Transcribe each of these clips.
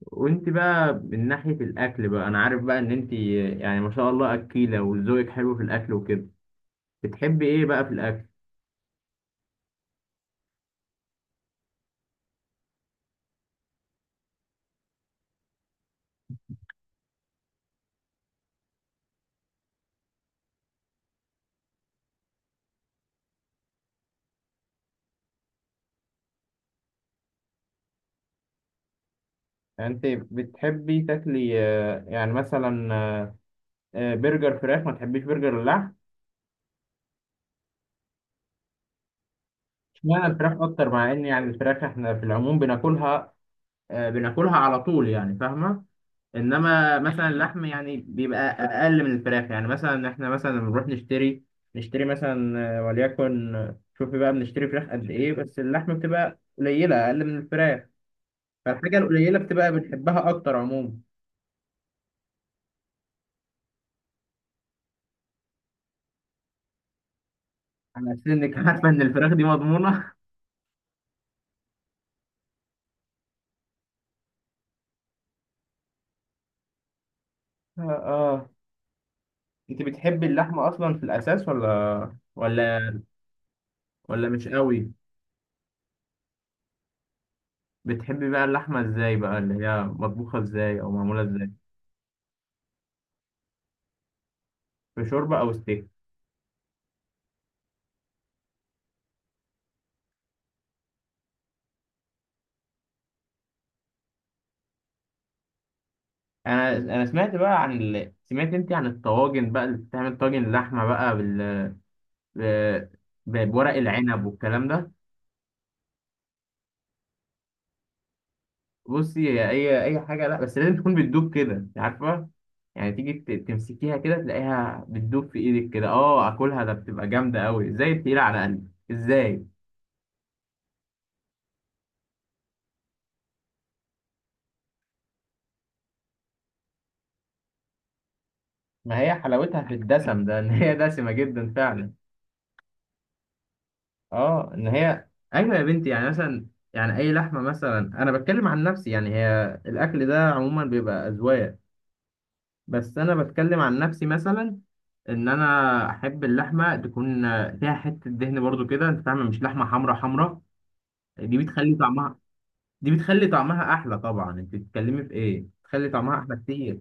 وانت بقى من ناحية الأكل بقى، أنا عارف بقى إن انت يعني ما شاء الله أكيلة وذوقك حلو في الأكل وكده. بتحبي إيه بقى في الأكل؟ يعني انت بتحبي تاكلي، يعني مثلا، برجر فراخ ما تحبيش برجر اللحم؟ اشمعنى الفراخ أكتر مع إن يعني الفراخ إحنا في العموم بناكلها، بناكلها على طول يعني، فاهمة؟ انما مثلا اللحم يعني بيبقى اقل من الفراخ، يعني مثلا احنا مثلا لما بنروح نشتري، نشتري مثلا آه، وليكن آه، شوفي بقى، بنشتري فراخ قد ايه بس اللحم بتبقى قليله اقل من الفراخ. فالحاجه القليله بتبقى بنحبها اكتر عموما. على اساس انك عارفه ان الفراخ دي مضمونه اه آه. انت بتحبي اللحمه اصلا في الاساس، ولا ولا ولا مش قوي؟ بتحبي بقى اللحمه ازاي بقى، اللي هي مطبوخه ازاي او معموله ازاي؟ في شوربه او ستيك؟ انا سمعت بقى سمعت انت عن الطواجن بقى، اللي بتعمل طاجن لحمه بقى ب... بورق العنب والكلام ده؟ بصي، هي اي حاجه، لا بس لازم تكون بتدوب كده، انت عارفه. يعني تيجي تمسكيها كده تلاقيها بتدوب في ايدك كده. اه، اكلها ده بتبقى جامده قوي ازاي؟ التقيله على قلبي ازاي؟ ما هي حلاوتها في الدسم ده، ان هي دسمه جدا فعلا. اه ان هي، ايوه يا بنتي، يعني مثلا، يعني اي لحمه مثلا، انا بتكلم عن نفسي، يعني هي الاكل ده عموما بيبقى اذواق. بس انا بتكلم عن نفسي مثلا، ان انا احب اللحمه تكون فيها حته دهن برضو كده، انت فاهم، مش لحمه حمرا حمرا. دي بتخلي طعمها دي بتخلي طعمها احلى طبعا، انت بتتكلمي في ايه؟ بتخلي طعمها احلى كتير.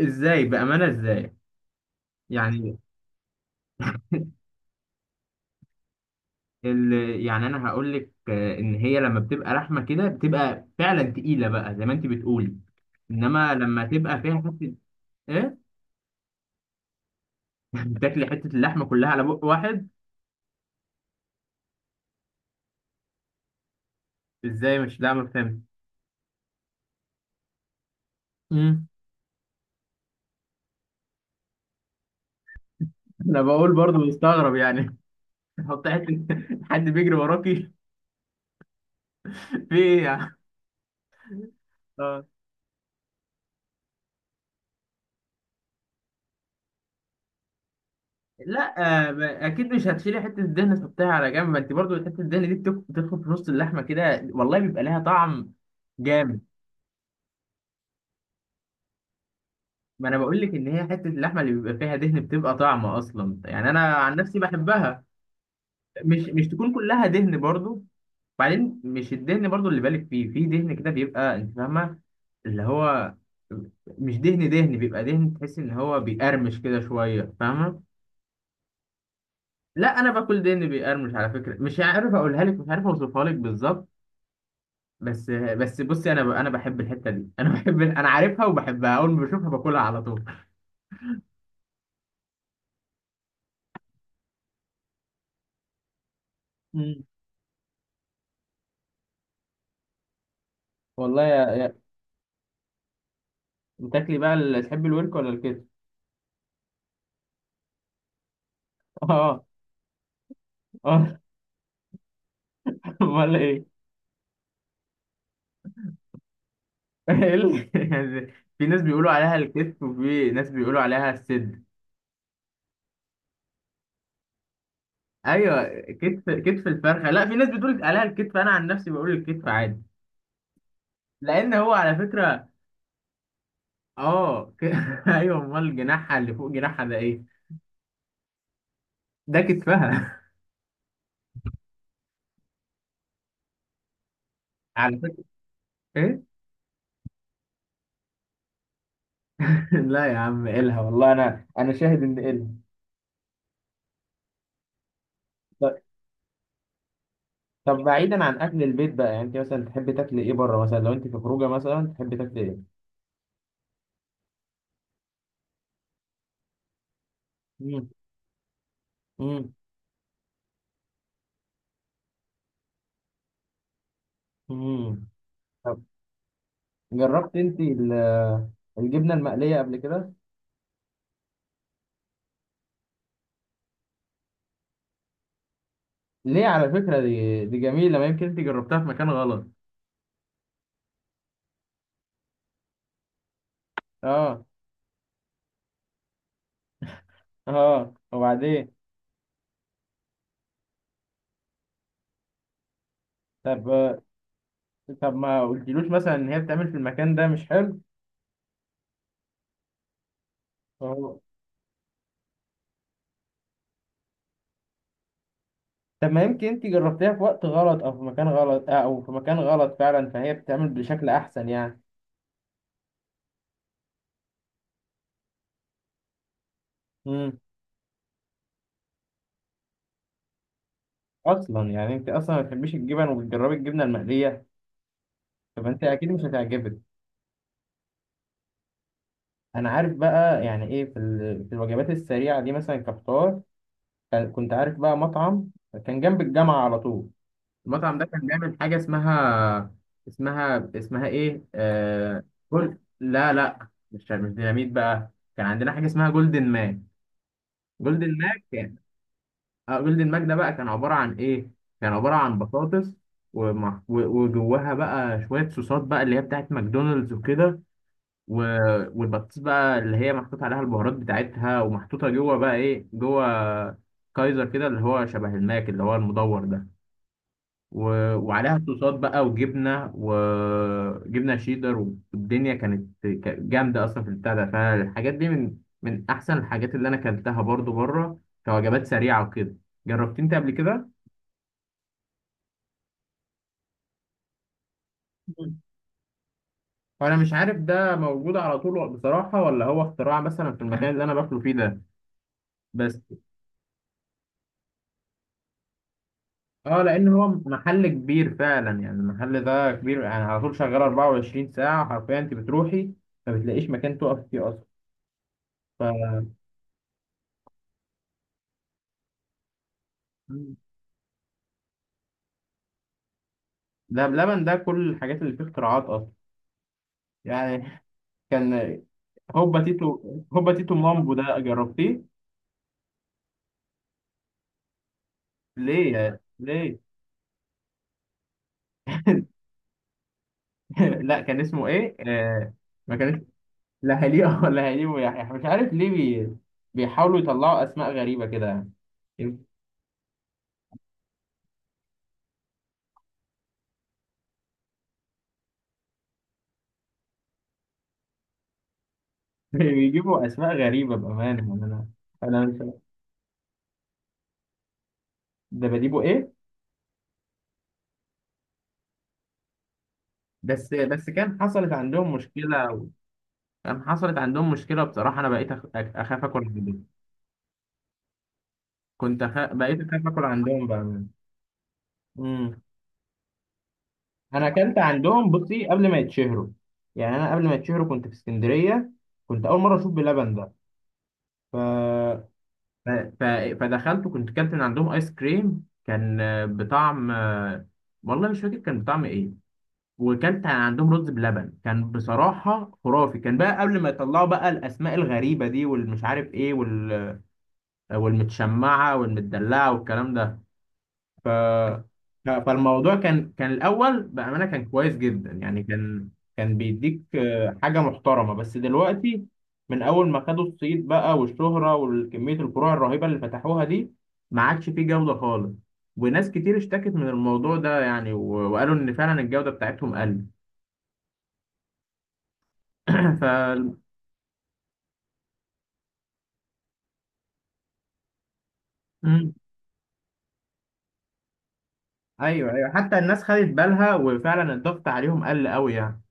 ازاي بامانه؟ ازاي؟ يعني ال... يعني انا هقول لك ان هي لما بتبقى لحمه كده بتبقى فعلا تقيله بقى زي ما انت بتقولي، انما لما تبقى فيها حته. ايه؟ بتاكلي حته اللحمه كلها على بق واحد؟ ازاي؟ مش، لا ما فهمت. انا بقول برضو مستغرب يعني. حط حته. حد بيجري وراكي؟ في ايه يعني؟ اه لا، اكيد مش هتشيلي حته الدهن تحطيها على جنب، ما انت برضو حته الدهن دي بتدخل في نص اللحمه كده، والله بيبقى لها طعم جامد. ما انا بقول لك ان هي حته اللحمه اللي بيبقى فيها دهن بتبقى طعمه اصلا، يعني انا عن نفسي بحبها. مش تكون كلها دهن برضو. بعدين مش الدهن برضو اللي بالك فيه، في دهن كده بيبقى، انت فاهمه؟ اللي هو مش دهن دهن، بيبقى دهن تحس ان هو بيقرمش كده شويه، فاهمه؟ لا، انا باكل دهن بيقرمش على فكره، مش عارف اقولها لك، مش عارف اوصفها لك بالظبط. بس بصي، انا انا بحب الحته دي انا، بحب، انا عارفها وبحبها، اول ما بشوفها باكلها على طول. مم. والله يا. بتاكلي بقى تحبي الورك ولا الكتف؟ اه، اه. امال ايه؟ إيه يعني؟ في ناس بيقولوا عليها الكتف، وفي ناس بيقولوا عليها الصدر. ايوه، كتف الفرخه. لا، في ناس بتقول عليها الكتف، انا عن نفسي بقول الكتف عادي. لان هو على فكره، اه ايوه، امال جناحها اللي فوق جناحها ده ايه؟ ده كتفها. على فكره. ايه؟ لا يا عم إلها، والله انا شاهد ان إلها. ط- طب بعيدا عن اكل البيت بقى، يعني انت مثلا تحب تاكل ايه بره؟ مثلا لو انت في خروجه مثلا تحب تاكل ايه؟ مم. مم. مم. طب جربت انت الجبنه المقليه قبل كده؟ ليه؟ على فكره دي جميله، ما يمكن انت جربتها في مكان غلط. اه، اه، وبعدين؟ طب، ما قلتلوش مثلا ان هي بتعمل في المكان ده مش حلو؟ فهو- طب ما يمكن انت جربتيها في وقت غلط، او في مكان غلط فعلا، فهي بتعمل بشكل احسن يعني. امم. اصلا يعني انت اصلا ما بتحبيش الجبن وبتجربي الجبنه المقليه؟ طب انت اكيد مش هتعجبك. انا عارف بقى يعني ايه في في الوجبات السريعه دي، مثلا كفطار، كنت عارف بقى مطعم كان جنب الجامعه على طول. المطعم ده كان بيعمل حاجة اسمها، اسمها ايه، جول... لا لا، مش ديناميت بقى. كان عندنا حاجة اسمها جولدن ماك. جولدن ماك كان، اه، جولدن ماك ده بقى كان عبارة عن ايه؟ كان عبارة عن بطاطس، وجواها بقى شوية صوصات بقى، اللي هي بتاعت ماكدونالدز وكده، و... والبطاطس بقى اللي هي محطوط عليها البهارات بتاعتها ومحطوطة جوه، بقى ايه جوه، كايزر كده، اللي هو شبه الماك اللي هو المدور ده. وعليها صوصات بقى، وجبنه، شيدر. والدنيا كانت جامده اصلا في البتاع ده. فالحاجات دي من احسن الحاجات اللي انا اكلتها برضو بره كوجبات سريعه وكده. جربت انت قبل كده؟ مم. وانا مش عارف ده موجود على طول بصراحه، ولا هو اختراع مثلا في المكان اللي انا باكله فيه ده. بس، اه، لان هو محل كبير فعلا، يعني المحل ده كبير يعني، على طول شغال 24 ساعه حرفيا، انت بتروحي ما بتلاقيش مكان تقف فيه اصلا. ف... ده بلبن، ده كل الحاجات اللي فيه اختراعات اصلا. يعني كان هوبا تيتو هوبا تيتو مامبو ده، جربتيه؟ ليه ليه؟ لا كان اسمه ايه؟ ما كانش. لا هليه ولا هليه، ويحيى، مش عارف ليه بيحاولوا يطلعوا اسماء غريبة كده يعني. بيجيبوا اسماء غريبة بأمانة، يعني انا مش، ده بجيبه ايه؟ بس كان حصلت عندهم مشكلة بصراحة. انا بقيت اخاف اكل عندهم، كنت بقيت اخاف اكل عندهم بأمانة. انا اكلت عندهم بصي قبل ما يتشهروا، يعني انا قبل ما يتشهروا كنت في اسكندريه، كنت اول مره اشوف بلبن ده. ف... ف... ف... فدخلت وكنت كلت من عندهم ايس كريم، كان بطعم، والله مش فاكر كان بطعم ايه. وكلت عندهم رز بلبن كان بصراحه خرافي، كان بقى قبل ما يطلعوا بقى الاسماء الغريبه دي والمش عارف ايه والمتشمعه والمدلعه والكلام ده. ف... فالموضوع كان، الاول بامانه كان كويس جدا يعني كان، بيديك حاجه محترمه. بس دلوقتي، من اول ما خدوا الصيت بقى والشهره وكميه الفروع الرهيبه اللي فتحوها دي، ما عادش فيه جوده خالص. وناس كتير اشتكت من الموضوع ده يعني، وقالوا ان فعلا الجوده بتاعتهم قلت. ف. مم. ايوه، ايوه حتى الناس خدت بالها وفعلا الضغط عليهم قل قوي يعني.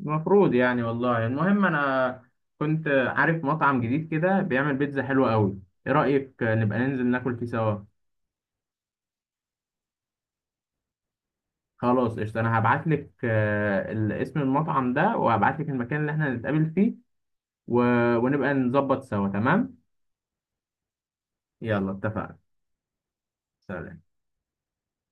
المفروض يعني، والله، المهم انا كنت عارف مطعم جديد كده بيعمل بيتزا حلوة قوي، ايه رأيك نبقى ننزل ناكل فيه سوا؟ خلاص قشطة، انا هبعت لك اسم المطعم ده وهبعت لك المكان اللي احنا هنتقابل فيه، و... ونبقى نظبط سوا تمام. يلا اتفقنا. سلام.